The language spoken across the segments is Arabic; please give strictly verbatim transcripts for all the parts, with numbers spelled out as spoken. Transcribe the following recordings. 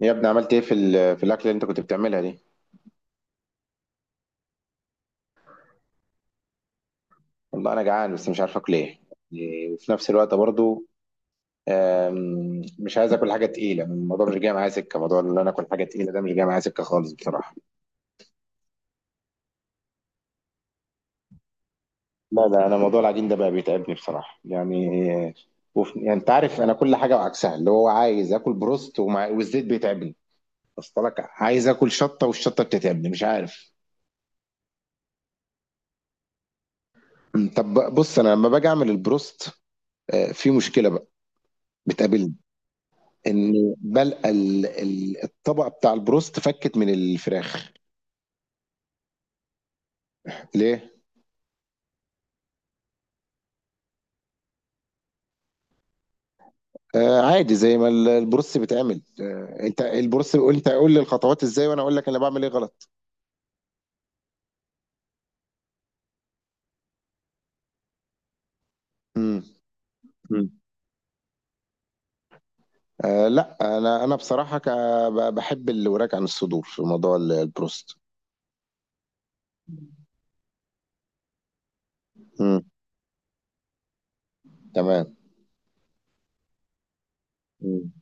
يا ابني عملت ايه في ال- في الاكل اللي انت كنت بتعملها دي؟ والله انا جعان بس مش عارف اكل ايه. يعني وفي نفس الوقت برضو آم، مش عايز اكل حاجه تقيله، الموضوع مش جاي معايا سكه. موضوع ان انا اكل حاجه تقيله ده مش جاي معايا سكه خالص بصراحه. لا لا، انا موضوع العجين ده بقى بيتعبني بصراحه يعني. وف... يعني انت عارف انا كل حاجه وعكسها، اللي هو عايز اكل بروست ومع... والزيت بيتعبني. اصل لك عايز اكل شطه والشطه بتتعبني، مش عارف. طب بص، انا لما باجي اعمل البروست آه، في مشكله بقى بتقابلني. ان بلقى ال- ال- الطبقه بتاع البروست فكت من الفراخ. ليه؟ آه عادي زي ما ال- البروست بيتعمل. آه انت البروست بيقول، انت قول لي الخطوات ازاي وانا اقول لك انا بعمل ايه غلط. امم. آه لا، انا انا بصراحه ك- ب- بحب الوراك عن الصدور في موضوع ال- البروست. امم. تمام. مم.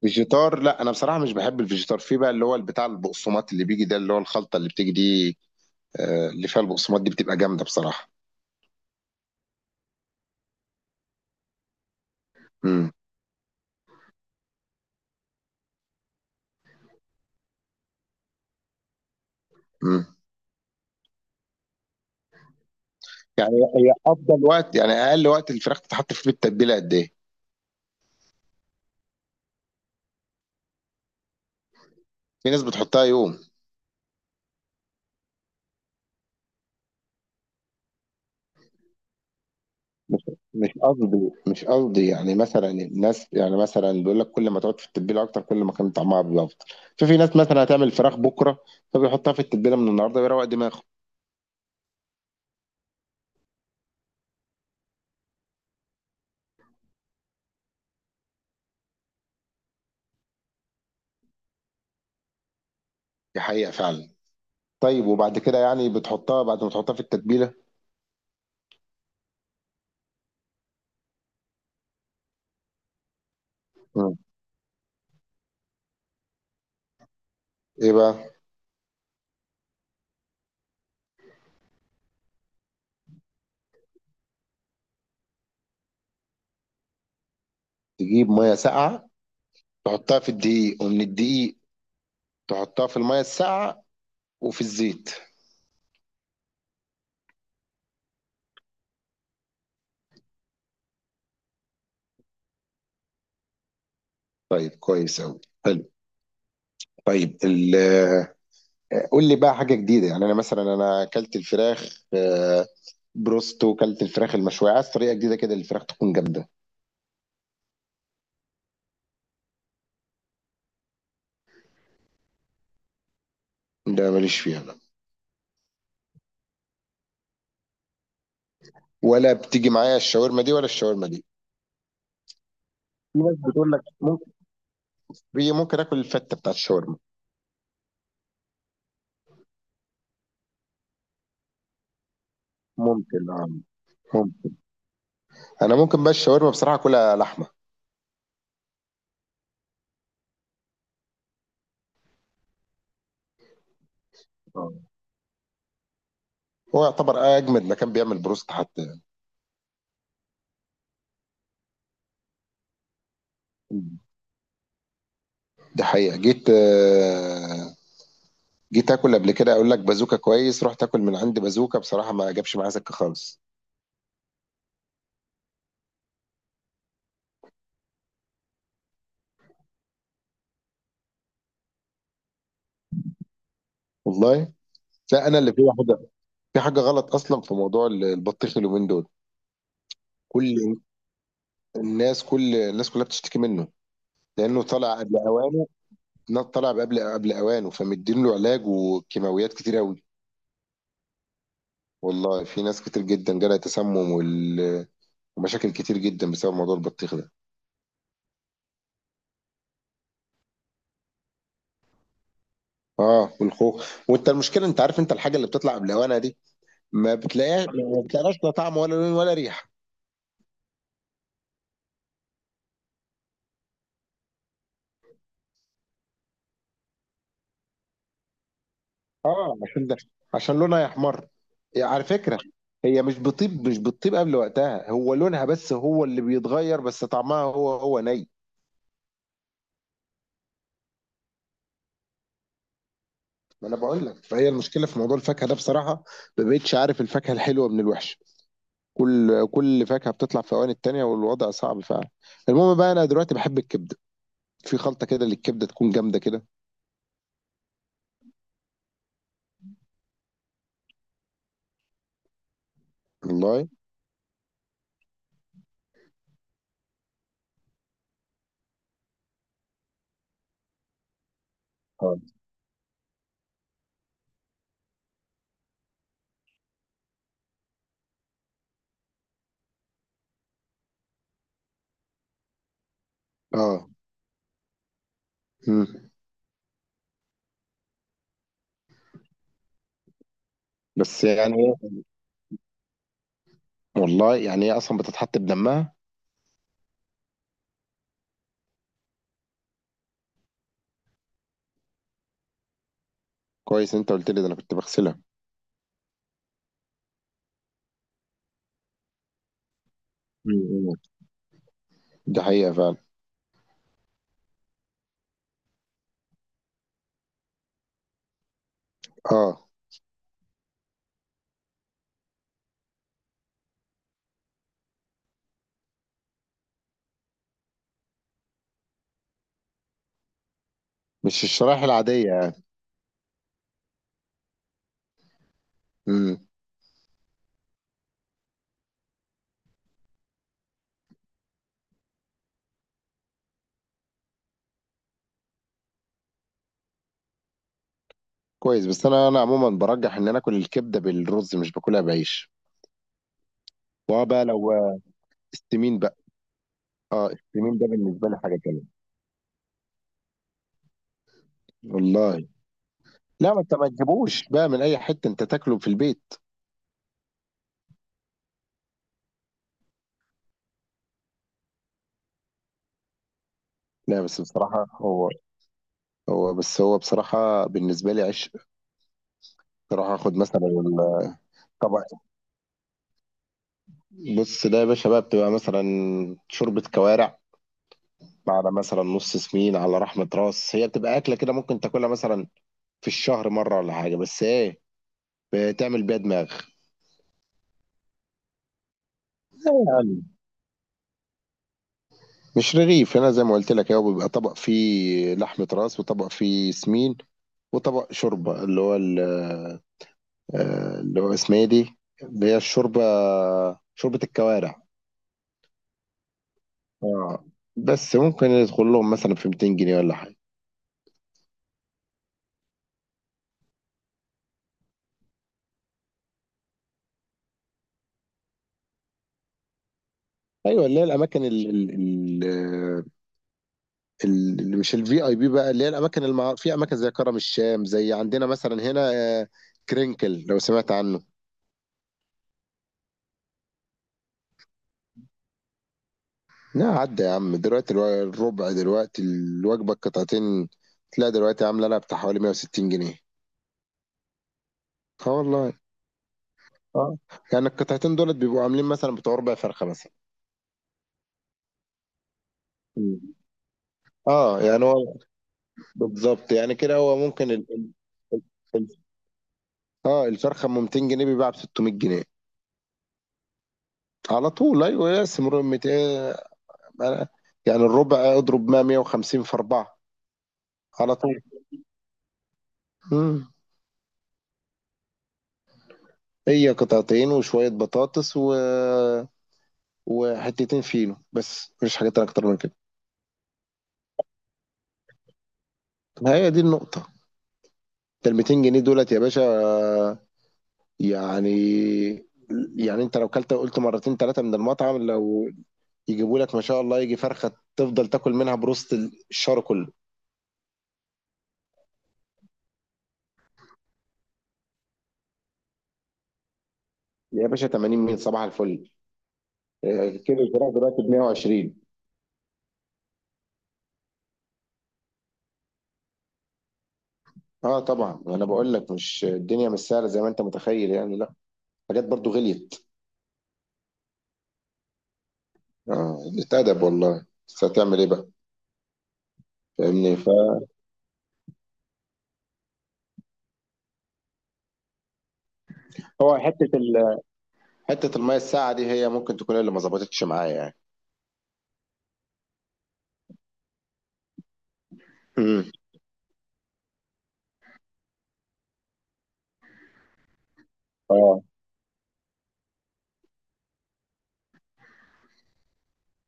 فيجيتار، لا انا بصراحه مش بحب الفيجيتار. في بقى اللي هو بتاع البقسماط اللي بيجي ده، اللي هو الخلطه اللي بتيجي دي، آه اللي فيها البقسماط، دي بتبقى جامده بصراحه. امم. يعني هي افضل وقت، يعني اقل وقت الفراخ تتحط فيه التتبيله قد ايه؟ في ناس بتحطها يوم. مش مش قصدي مش قصدي يعني، مثلا الناس يعني مثلا بيقول لك كل ما تقعد في التتبيله اكتر، كل ما كان طعمها بيبقى افضل. ففي ناس مثلا هتعمل فراخ بكره، فبيحطها في التتبيله من النهارده ويروق دماغه. دي حقيقه فعلا. طيب وبعد كده يعني بتحطها، بعد ما تحطها في التتبيله. مم. ايه بقى؟ تجيب ميه ساقعه، تحطها في الدقيق، ومن الدقيق تحطها في الميه الساقعه، وفي الزيت. طيب، كويس قوي، حلو. طيب ال قول لي بقى حاجة جديدة. يعني أنا مثلا أنا أكلت الفراخ آه، بروستو، أكلت الفراخ المشوية، عايز طريقة جديدة كده الفراخ تكون جامدة. ده ماليش فيها، لا. ولا بتيجي معايا الشاورما دي، ولا الشاورما دي. في ناس بتقول لك ممكن، في ممكن آكل الفتة بتاعت الشاورما. ممكن آه. ممكن. أنا ممكن بقى الشاورما بصراحة أكلها لحمة. آه. هو يعتبر أجمد مكان بيعمل بروست حتى. دي حقيقة. جيت آه، جيت آكل قبل كده، أقول لك بازوكا كويس، رحت آكل من عند بازوكا بصراحة ما جابش معايا سكة خالص. والله. لا انا اللي في حاجه في حاجه غلط اصلا في موضوع ال- البطيخ اليومين دول. كل الناس كل الناس كلها بتشتكي منه. لانه طلع قبل اوانه. لا، طلع قبل قبل اوانه، فمدين له علاج وكيماويات كتير قوي. والله في ناس كتير جدا جالها تسمم وال- ومشاكل كتير جدا بسبب موضوع البطيخ ده. اه، والخوخ. وانت المشكله، انت عارف، انت الحاجه اللي بتطلع قبل اوانها دي ما بتلاقيهاش، ما بتلاقيهاش لا طعم ولا لون ولا ريحه. اه، عشان ده عشان لونها يحمر، يعني على فكرة. هي مش بتطيب مش بتطيب قبل وقتها، هو لونها بس هو اللي بيتغير، بس طعمها هو هو ني. ما انا بقول لك، فهي المشكلة في موضوع الفاكهة ده بصراحة. ما بقتش عارف الفاكهة الحلوة من الوحشة. كل كل فاكهة بتطلع في اوان التانية، والوضع صعب فعلا. المهم بقى انا دلوقتي بحب الكبدة. في خلطة كده للكبدة تكون جامدة كده؟ والله. اه. اه. مم. بس يعني والله يعني هي اصلا بتتحط بدمها. كويس انت قلت لي ده، انا كنت بغسلها. مم. دي حقيقة فعلا. اه، مش الشرايح العادية؟ امم. كويس. بس انا انا عموما برجح ان انا اكل الكبدة بالرز، مش باكلها بعيش. وبقى لو السمين بقى. اه، السمين ده بالنسبة لي حاجة تانية. والله. لا، ما انت ما تجيبوش بقى من اي حتة، انت تاكله في البيت. لا، بس بصراحة هو هو بس هو بصراحة بالنسبة لي عشق. بصراحة اخد مثلا طبق. بص ده يا باشا، بقى بتبقى مثلا شوربة كوارع على مثلا نص سمين على رحمة راس، هي بتبقى أكلة كده ممكن تاكلها مثلا في الشهر مره ولا حاجه، بس ايه، بتعمل بيها دماغ. يعني مش رغيف هنا زي ما قلت لك، هو بيبقى طبق فيه لحمه راس، وطبق فيه سمين، وطبق شوربه اللي هو ال- آه، اللي هو اسمها ايه دي، اللي هي الشوربه، شوربه الكوارع. اه. بس ممكن يدخل لهم مثلا في مئتين جنيه ولا حاجه. ايوه اللي هي الاماكن ال- ال- ال- ال- اللي مش الفي اي بي بقى، اللي هي الاماكن المع... في اماكن زي كرم الشام، زي عندنا مثلا هنا آه، كرينكل، لو سمعت عنه. لا، عدى يا عم، دلوقتي الو- الربع، دلوقتي الوجبة، القطعتين تلاقي دلوقتي عاملة لها بتاع حوالي مئة وستين جنيه. اه. والله. اه، يعني القطعتين دولت بيبقوا عاملين مثلا بتوع ربع فرخة مثلا. مم. اه يعني هو بالظبط، يعني كده هو ممكن ال... ال... ال... ال- اه الفرخة ب مئتين جنيه بيباع ب ستمية جنيه. على طول. ايوه يا سمر، مئتين، يعني الربع، اضرب مئة، مئة وخمسين في اربعة. على طول. مم. هي قطعتين وشوية بطاطس، و وحتتين فينو، بس مفيش حاجات تانية اكتر من كده. ما هي دي النقطة، انت ال مئتين جنيه دولت يا باشا. يعني يعني انت لو كلت قلت مرتين ثلاثة من المطعم، لو يجيبوا لك ما شاء الله يجي فرخة، تفضل تاكل منها بروست الشهر كله. يا باشا تمانين مين؟ صباح الفل. آه، كيلو الفراخ دلوقتي ب مئة وعشرين. اه طبعا، انا بقول لك مش الدنيا مش سهلة زي ما انت متخيل، يعني لا، حاجات برضو غليت. اه، اتأدب والله، بس هتعمل ايه بقى، فاهمني. فهو حتة ال حتة المية الساقعة دي هي ممكن تكون اللي ما ظبطتش معايا يعني. امم. اه.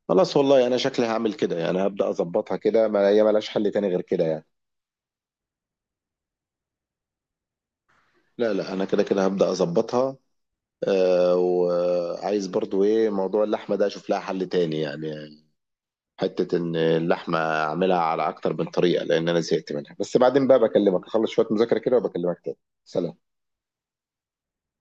خلاص والله، انا شكلي هعمل كده يعني، هبدأ اظبطها كده، ما هي ملهاش حل تاني غير كده يعني. لا لا، انا كده كده هبدأ اظبطها. آه وعايز برضو ايه موضوع اللحمة ده، اشوف لها حل تاني يعني، حتة ان اللحمة اعملها على اكتر من طريقة لان انا زهقت منها. بس بعدين بقى بكلمك، اخلص شوية مذاكرة كده وبكلمك تاني. سلام.